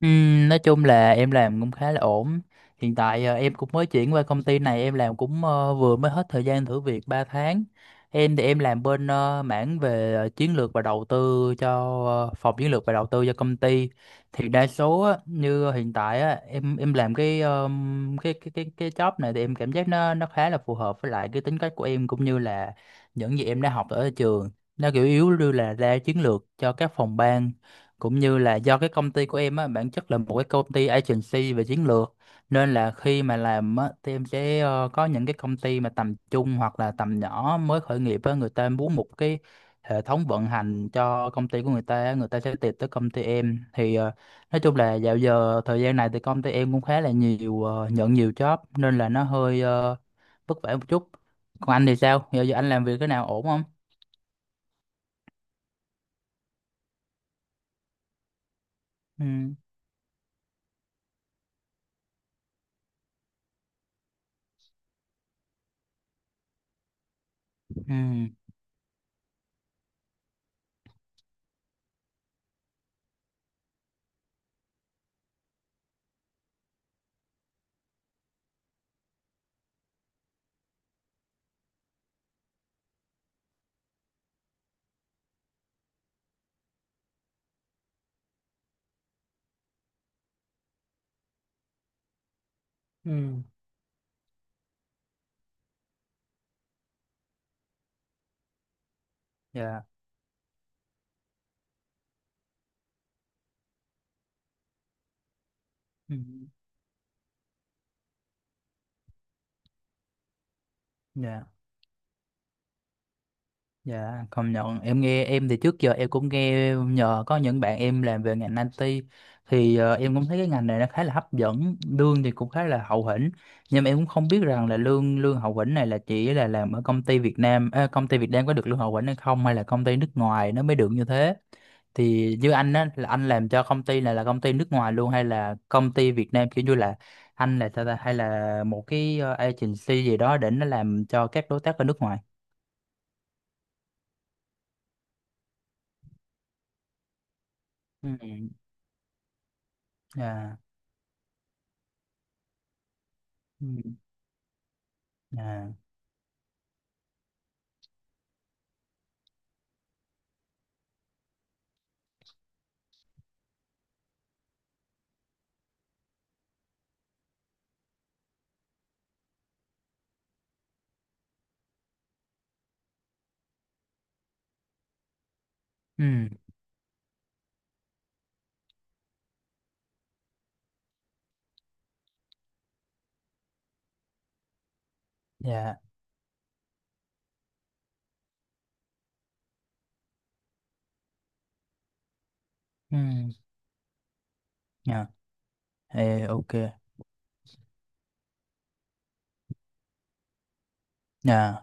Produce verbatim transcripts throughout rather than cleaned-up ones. Ừm, nói chung là em làm cũng khá là ổn. Hiện tại ờ, em cũng mới chuyển qua công ty này, em làm cũng ờ, vừa mới hết thời gian thử việc ba tháng. Em thì em làm bên ờ, mảng về ờ, chiến lược và đầu tư cho ờ, phòng chiến lược và đầu tư cho công ty. Thì đa số á, như hiện tại á, em em làm cái, ờm, cái cái cái cái job này thì em cảm giác nó nó khá là phù hợp với lại cái tính cách của em cũng như là những gì em đã học ở trường. Nó kiểu yếu như là ra chiến lược cho các phòng ban, cũng như là do cái công ty của em á bản chất là một cái công ty agency về chiến lược, nên là khi mà làm á thì em sẽ ờ, có những cái công ty mà tầm trung hoặc là tầm nhỏ mới khởi nghiệp á, người ta muốn một cái hệ thống vận hành cho công ty của người ta á, người ta sẽ tìm tới công ty em. Thì ờ, nói chung là dạo giờ thời gian này thì công ty em cũng khá là nhiều, ờ, nhận nhiều job nên là nó hơi ờ, vất vả một chút. Còn anh thì sao giờ, giờ anh làm việc cái nào ổn không? Ừ. Ừ. Ừ. Dạ. Ừ. Dạ. Dạ, công nhận em nghe, em thì trước giờ em cũng nghe nhờ có những bạn em làm về ngành i tê, thì ờ, em cũng thấy cái ngành này nó khá là hấp dẫn, lương thì cũng khá là hậu hĩnh. Nhưng mà em cũng không biết rằng là lương lương hậu hĩnh này là chỉ là làm ở công ty Việt Nam, ờ, công ty Việt Nam có được lương hậu hĩnh hay không, hay là công ty nước ngoài nó mới được như thế. Thì như anh á là anh làm cho công ty này là công ty nước ngoài luôn, hay là công ty Việt Nam kiểu như là anh là sao ta, hay là một cái ờ, agency gì đó để nó làm cho các đối tác ở nước ngoài. Ừ. Dạ. Ừ. À, ừ, dạ, ừ, dạ. Ê, ok, dạ.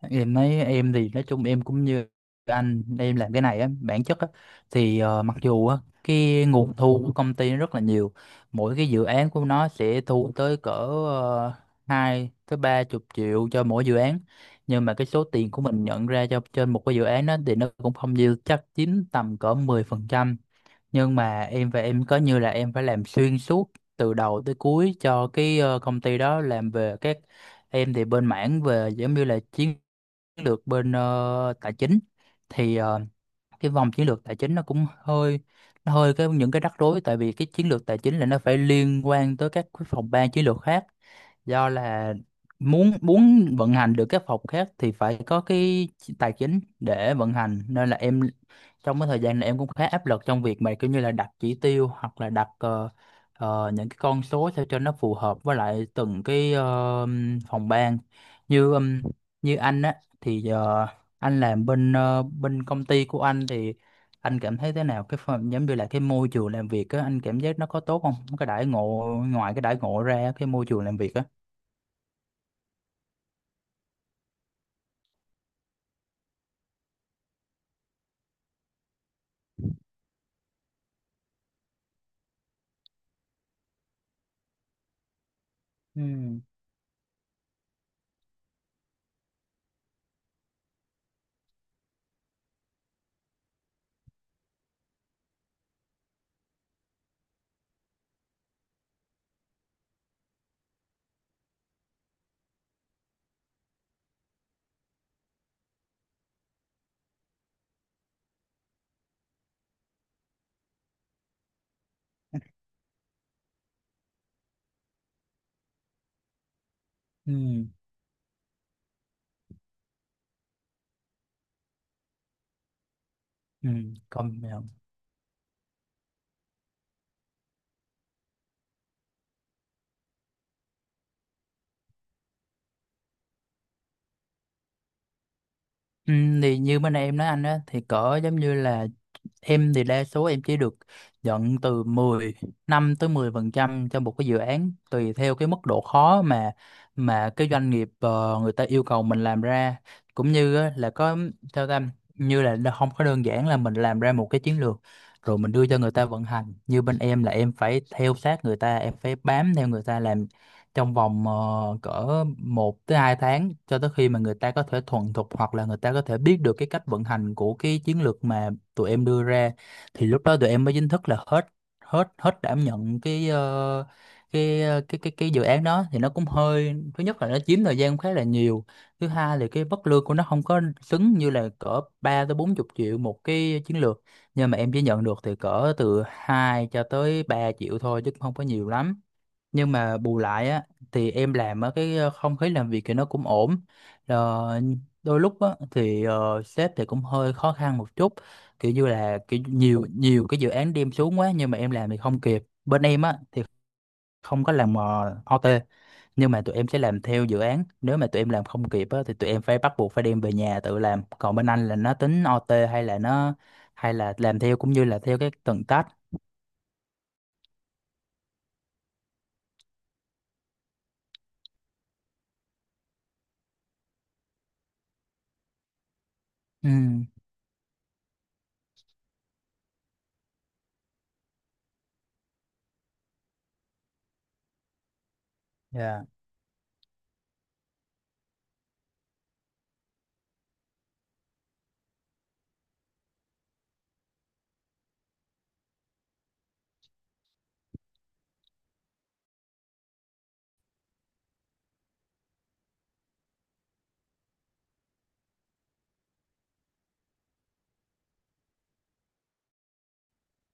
Em nói em thì nói chung em cũng như anh, em làm cái này á, bản chất á, thì ờ, mặc dù á, cái nguồn thu của công ty nó rất là nhiều, mỗi cái dự án của nó sẽ thu tới cỡ uh, hai tới ba chục triệu cho mỗi dự án, nhưng mà cái số tiền của mình nhận ra cho trên một cái dự án đó thì nó cũng không nhiều, chắc chiếm tầm cỡ mười phần trăm. Nhưng mà em và em có như là em phải làm xuyên suốt từ đầu tới cuối cho cái ờ, công ty đó, làm về các em thì bên mảng về giống như là chiến lược bên ờ, tài chính, thì ờ, cái vòng chiến lược tài chính nó cũng hơi nó hơi cái những cái rắc rối, tại vì cái chiến lược tài chính là nó phải liên quan tới các cái phòng ban chiến lược khác, do là muốn muốn vận hành được các phòng khác thì phải có cái tài chính để vận hành, nên là em trong cái thời gian này em cũng khá áp lực trong việc mà kiểu như là đặt chỉ tiêu, hoặc là đặt ờ, ờ, những cái con số sao cho nó phù hợp với lại từng cái ờ, phòng ban. Như ừm, như anh á thì ờ, anh làm bên ờ, bên công ty của anh thì anh cảm thấy thế nào cái phần giống như là cái môi trường làm việc á, anh cảm giác nó có tốt không, cái đãi ngộ, ngoài cái đãi ngộ ra cái môi trường làm việc á? Ừ. Ừ. Ừ. Công nhận. Ừ. Thì như bên em nói anh á thì cỡ giống như là em thì đa số em chỉ được nhận từ mười năm tới mười phần trăm cho một cái dự án, tùy theo cái mức độ khó mà mà cái doanh nghiệp ờ, người ta yêu cầu mình làm ra, cũng như á, là có theo tâm như là nó không có đơn giản là mình làm ra một cái chiến lược rồi mình đưa cho người ta vận hành. Như bên em là em phải theo sát người ta, em phải bám theo người ta làm trong vòng ờ, cỡ một tới hai tháng cho tới khi mà người ta có thể thuần thục, hoặc là người ta có thể biết được cái cách vận hành của cái chiến lược mà tụi em đưa ra, thì lúc đó tụi em mới chính thức là hết hết hết đảm nhận cái ờ, cái ờ, cái cái cái dự án đó. Thì nó cũng hơi, thứ nhất là nó chiếm thời gian khá là nhiều, thứ hai là cái mức lương của nó không có xứng, như là cỡ ba tới bốn chục triệu một cái chiến lược nhưng mà em chỉ nhận được thì cỡ từ hai cho tới ba triệu thôi chứ cũng không có nhiều lắm. Nhưng mà bù lại á thì em làm ở cái ờ, không khí làm việc thì nó cũng ổn. Ờ, đôi lúc á thì ờ, sếp thì cũng hơi khó khăn một chút, kiểu như là kiểu nhiều nhiều cái dự án đem xuống quá nhưng mà em làm thì không kịp. Bên em á thì không có làm ờ, ô tê, nhưng mà tụi em sẽ làm theo dự án, nếu mà tụi em làm không kịp á thì tụi em phải bắt buộc phải đem về nhà tự làm. Còn bên anh là nó tính ô tê hay là nó hay là làm theo cũng như là theo cái tầng tách? Ừ. Dạ.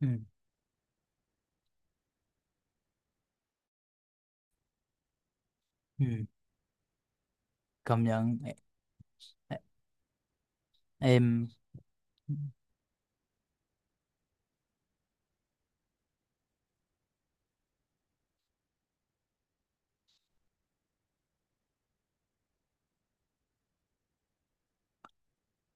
Ừ. Ừ. Công nhận. Em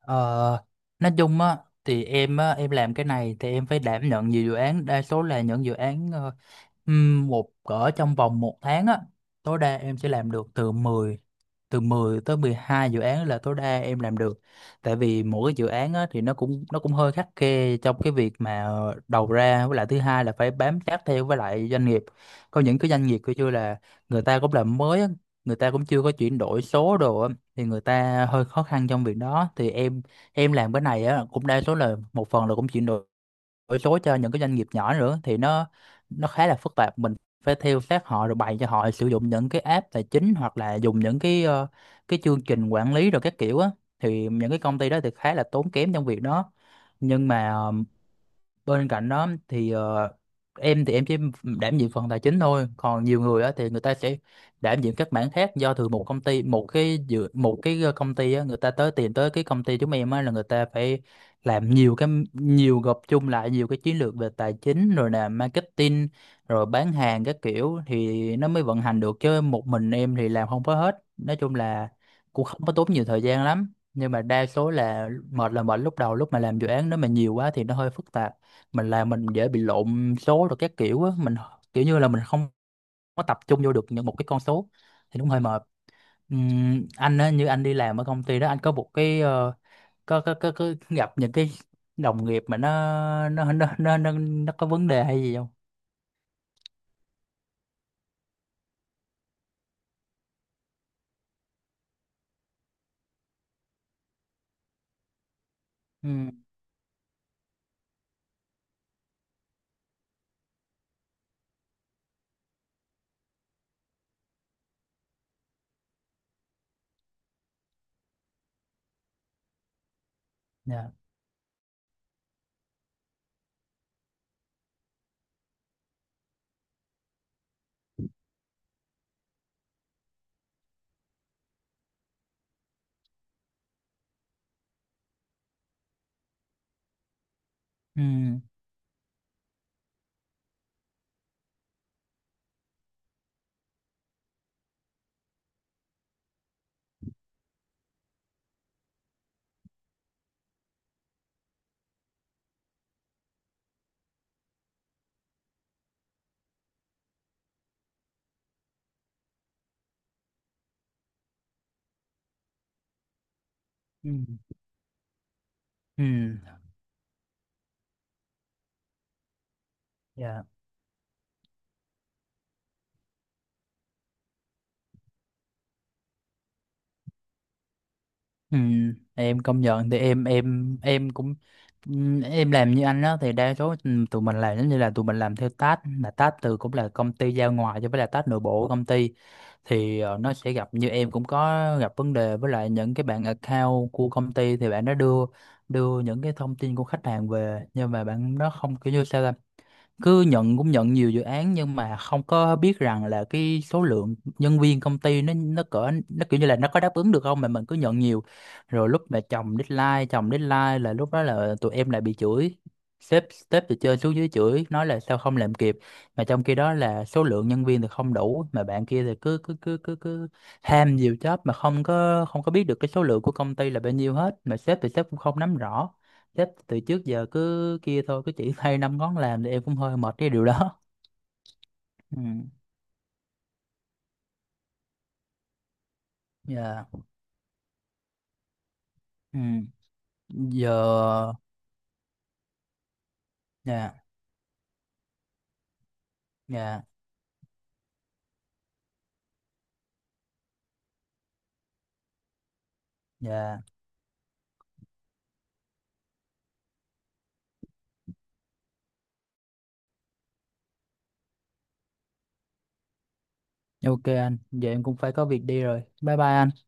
Ờ, nói chung á thì em á em làm cái này thì em phải đảm nhận nhiều dự án, đa số là những dự án ờ, ừm, một cỡ trong vòng một tháng á tối đa em sẽ làm được từ mười từ mười tới mười hai dự án là tối đa em làm được. Tại vì mỗi cái dự án á, thì nó cũng nó cũng hơi khắt khe trong cái việc mà đầu ra, với lại thứ hai là phải bám sát theo với lại doanh nghiệp. Có những cái doanh nghiệp kiểu như là người ta cũng làm mới á, người ta cũng chưa có chuyển đổi số đồ á, thì người ta hơi khó khăn trong việc đó. Thì em em làm cái này á cũng đa số là một phần là cũng chuyển đổi đổi số cho những cái doanh nghiệp nhỏ nữa, thì nó nó khá là phức tạp, mình phải theo sát họ rồi bày cho họ sử dụng những cái app tài chính hoặc là dùng những cái ờ, cái chương trình quản lý rồi các kiểu á, thì những cái công ty đó thì khá là tốn kém trong việc đó. Nhưng mà ờ, bên cạnh đó thì ờ, em thì em chỉ đảm nhiệm phần tài chính thôi, còn nhiều người á thì người ta sẽ đảm nhiệm các mảng khác, do từ một công ty một cái dự một cái ờ, công ty á người ta tới, tìm tới cái công ty chúng em á là người ta phải làm nhiều cái, nhiều gộp chung lại nhiều cái chiến lược về tài chính rồi là marketing rồi bán hàng các kiểu, thì nó mới vận hành được chứ một mình em thì làm không có hết. Nói chung là cũng không có tốn nhiều thời gian lắm, nhưng mà đa số là mệt là mệt lúc đầu, lúc mà làm dự án nếu mà nhiều quá thì nó hơi phức tạp, mình làm mình dễ bị lộn số rồi các kiểu á, mình kiểu như là mình không có tập trung vô được những một cái con số thì đúng hơi mệt. Ừm, anh á như anh đi làm ở công ty đó anh có một cái ờ, có, có, có, có gặp những cái đồng nghiệp mà nó nó nó nó nó, nó có vấn đề hay gì không? Ừ. Dạ. Ừ. Ừ. Ừ. Dạ. Ừ, em công nhận thì em em em cũng ừm, em làm như anh đó thì đa số ừm, tụi mình làm giống như là tụi mình làm theo task, là task từ cũng là công ty giao ngoài cho, với là task nội bộ của công ty. Thì ờ, nó sẽ gặp, như em cũng có gặp vấn đề với lại những cái bạn account của công ty, thì bạn nó đưa đưa những cái thông tin của khách hàng về nhưng mà bạn nó không kiểu như sao ta? Cứ nhận, cũng nhận nhiều dự án nhưng mà không có biết rằng là cái số lượng nhân viên công ty nó nó cỡ nó kiểu như là nó có đáp ứng được không, mà mình cứ nhận nhiều, rồi lúc mà chồng deadline chồng deadline là lúc đó là tụi em lại bị chửi. Sếp sếp từ trên xuống dưới chửi, nói là sao không làm kịp, mà trong khi đó là số lượng nhân viên thì không đủ, mà bạn kia thì cứ cứ cứ cứ cứ ham nhiều job mà không có không có biết được cái số lượng của công ty là bao nhiêu hết, mà sếp thì sếp cũng không nắm rõ. Chắc từ trước giờ cứ kia thôi, cứ chỉ thay năm ngón làm, thì em cũng hơi mệt cái điều đó. Ừ, dạ, ừ, giờ, dạ, dạ, dạ. Ok anh, giờ em cũng phải có việc đi rồi. Bye bye anh.